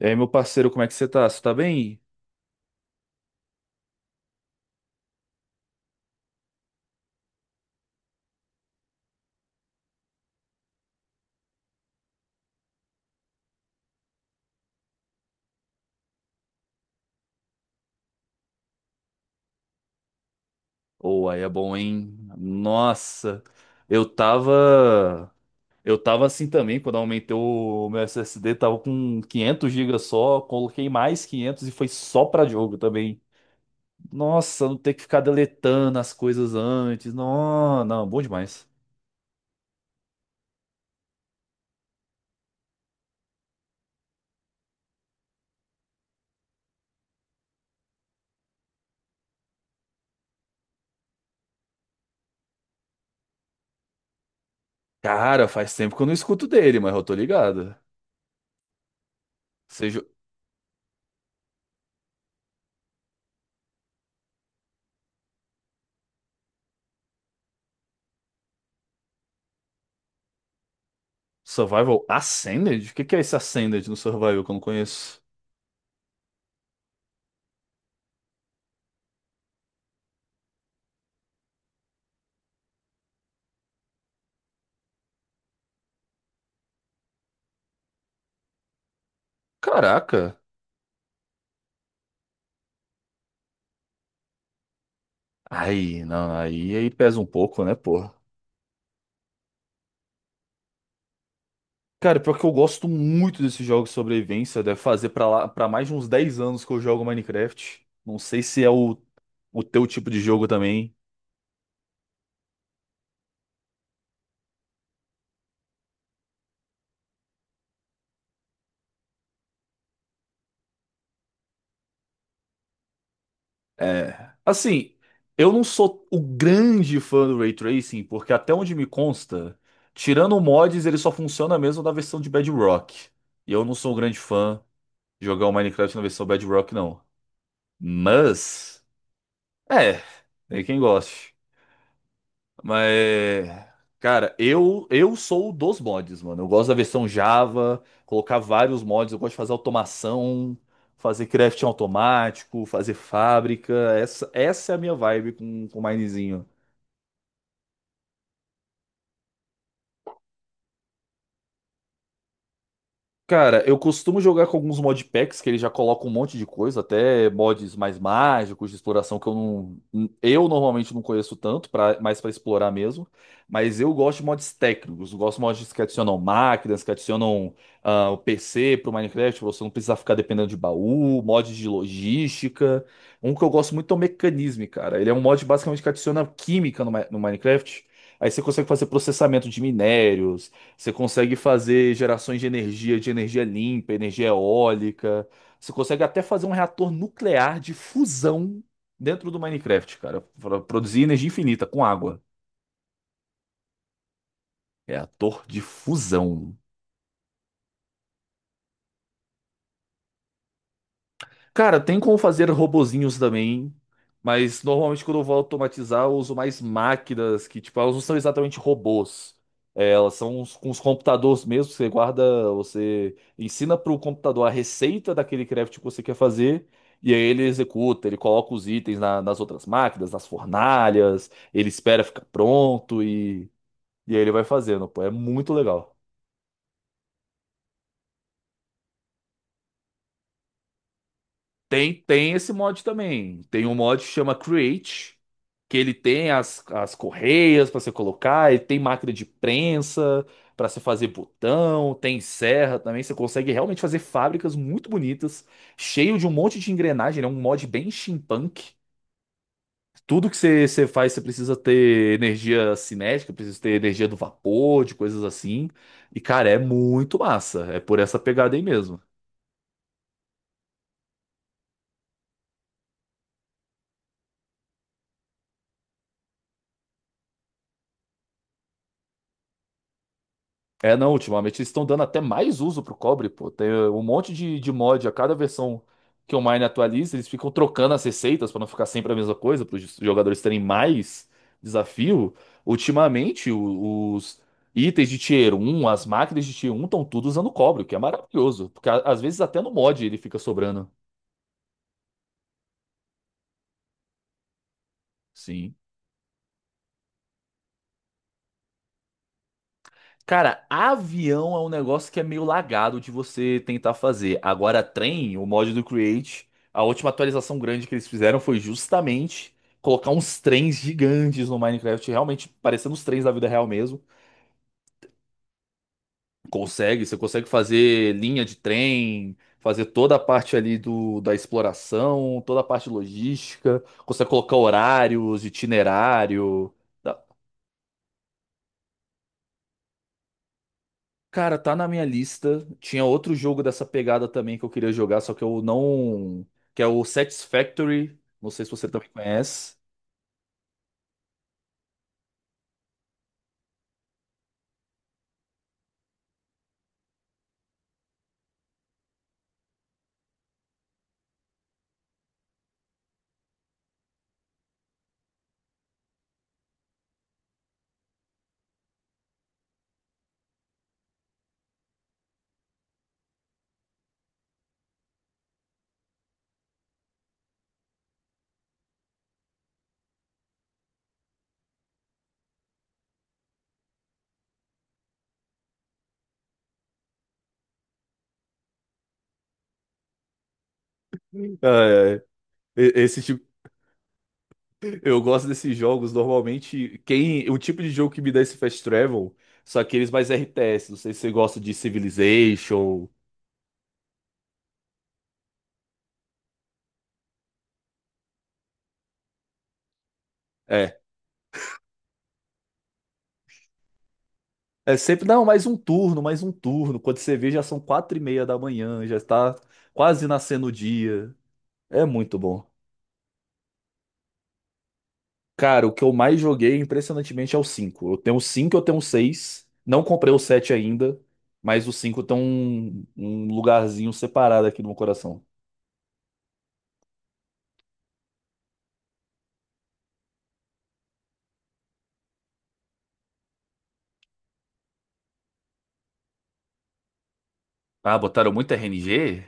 E aí, meu parceiro, como é que você tá? Você tá bem? Ou aí é bom, hein? Nossa, eu tava. Eu tava assim também, quando eu aumentei o meu SSD, tava com 500 GB só, coloquei mais 500 e foi só pra jogo também. Nossa, não ter que ficar deletando as coisas antes. Não, não, bom demais. Cara, faz tempo que eu não escuto dele, mas eu tô ligado. Seja Survival Ascended? O que que é esse Ascended no Survival que eu não conheço? Caraca. Aí, não, aí, aí pesa um pouco, né, porra? Cara, pior que eu gosto muito desses jogos de sobrevivência. Deve fazer pra lá, para mais de uns 10 anos que eu jogo Minecraft. Não sei se é o teu tipo de jogo também. É. Assim, eu não sou o grande fã do Ray Tracing, porque até onde me consta, tirando mods, ele só funciona mesmo na versão de Bedrock. E eu não sou um grande fã de jogar o Minecraft na versão Bedrock, não. Mas, é, tem quem goste. Mas, cara, eu sou dos mods, mano. Eu gosto da versão Java, colocar vários mods, eu gosto de fazer automação, fazer crafting automático, fazer fábrica. Essa é a minha vibe com o Minezinho. Cara, eu costumo jogar com alguns modpacks que ele já coloca um monte de coisa, até mods mais mágicos de exploração que eu não, eu normalmente não conheço tanto, pra, mais pra explorar mesmo. Mas eu gosto de mods técnicos, eu gosto de mods que adicionam máquinas, que adicionam o PC pro Minecraft, pra você não precisar ficar dependendo de baú, mods de logística. Um que eu gosto muito é o Mecanism, cara. Ele é um mod basicamente que adiciona química no, Mi- no Minecraft. Aí você consegue fazer processamento de minérios. Você consegue fazer gerações de energia limpa, energia eólica. Você consegue até fazer um reator nuclear de fusão dentro do Minecraft, cara, para produzir energia infinita com água. Reator de fusão. Cara, tem como fazer robozinhos também, mas normalmente quando eu vou automatizar, eu uso mais máquinas que, tipo, elas não são exatamente robôs. É, elas são uns- com os computadores mesmo, você guarda, você ensina para o computador a receita daquele craft que você quer fazer, e aí ele executa, ele coloca os itens na- nas outras máquinas, nas fornalhas, ele espera ficar pronto e aí ele vai fazendo, pô, é muito legal. Tem esse mod também. Tem um mod que chama Create, que ele tem as, as correias para você colocar, ele tem máquina de prensa para você fazer botão, tem serra também. Você consegue realmente fazer fábricas muito bonitas, cheio de um monte de engrenagem. Ele é um mod bem steampunk. Tudo que você, você faz, você precisa ter energia cinética, precisa ter energia do vapor, de coisas assim. E, cara, é muito massa. É por essa pegada aí mesmo. É, não, ultimamente eles estão dando até mais uso pro cobre, pô. Tem um monte de mod a cada versão que o Mine atualiza, eles ficam trocando as receitas pra não ficar sempre a mesma coisa, para os jogadores terem mais desafio. Ultimamente, o- os itens de tier um, as máquinas de tier um estão tudo usando cobre, o que é maravilhoso, porque a- às vezes até no mod ele fica sobrando. Sim. Cara, avião é um negócio que é meio lagado de você tentar fazer. Agora, trem, o mod do Create, a última atualização grande que eles fizeram foi justamente colocar uns trens gigantes no Minecraft, realmente parecendo os trens da vida real mesmo. Consegue, você consegue fazer linha de trem, fazer toda a parte ali do, da exploração, toda a parte logística, consegue colocar horários, itinerário. Cara, tá na minha lista. Tinha outro jogo dessa pegada também que eu queria jogar, só que eu não. Que é o Satisfactory. Não sei se você também conhece. É, é. E- esse tipo. Eu gosto desses jogos. Normalmente, quem. O tipo de jogo que me dá esse fast travel são aqueles mais RTS. Não sei se você gosta de Civilization. É. É sempre, não, mais um turno, mais um turno. Quando você vê, já são 4:30 da manhã, já está quase nascendo o dia. É muito bom. Cara, o que eu mais joguei, impressionantemente, é o 5. Eu tenho o 5, eu tenho o 6. Não comprei o 7 ainda, mas o 5 tem um lugarzinho separado aqui no meu coração. Ah, botaram muito RNG?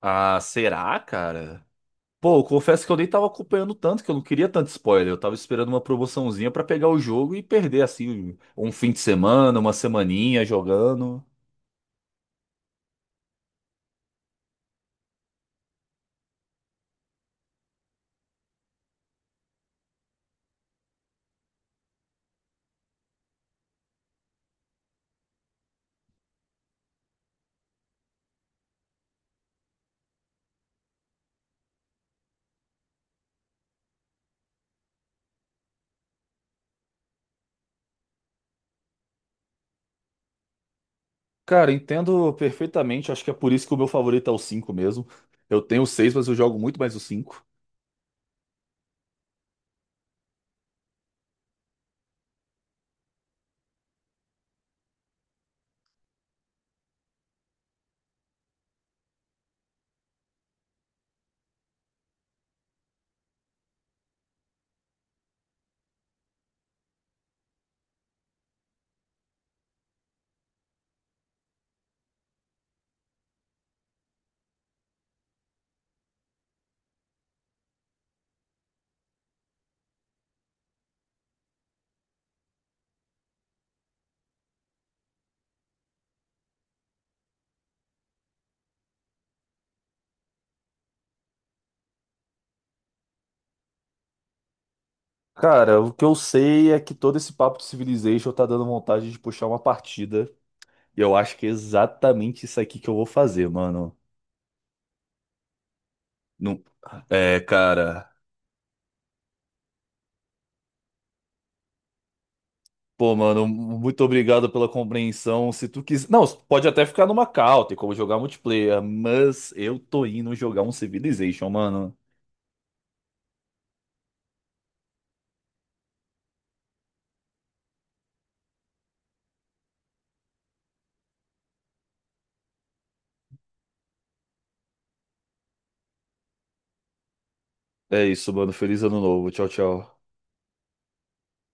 Ah, será, cara? Pô, eu confesso que eu nem tava acompanhando tanto, que eu não queria tanto spoiler. Eu tava esperando uma promoçãozinha pra pegar o jogo e perder, assim, um fim de semana, uma semaninha jogando. Cara, entendo perfeitamente. Acho que é por isso que o meu favorito é o 5 mesmo. Eu tenho o 6, mas eu jogo muito mais o 5. Cara, o que eu sei é que todo esse papo de Civilization tá dando vontade de puxar uma partida. E eu acho que é exatamente isso aqui que eu vou fazer, mano. Não... É, cara. Pô, mano, muito obrigado pela compreensão. Se tu quiser. Não, pode até ficar numa call, tem como jogar multiplayer, mas eu tô indo jogar um Civilization, mano. É isso, mano. Feliz ano novo. Tchau, tchau.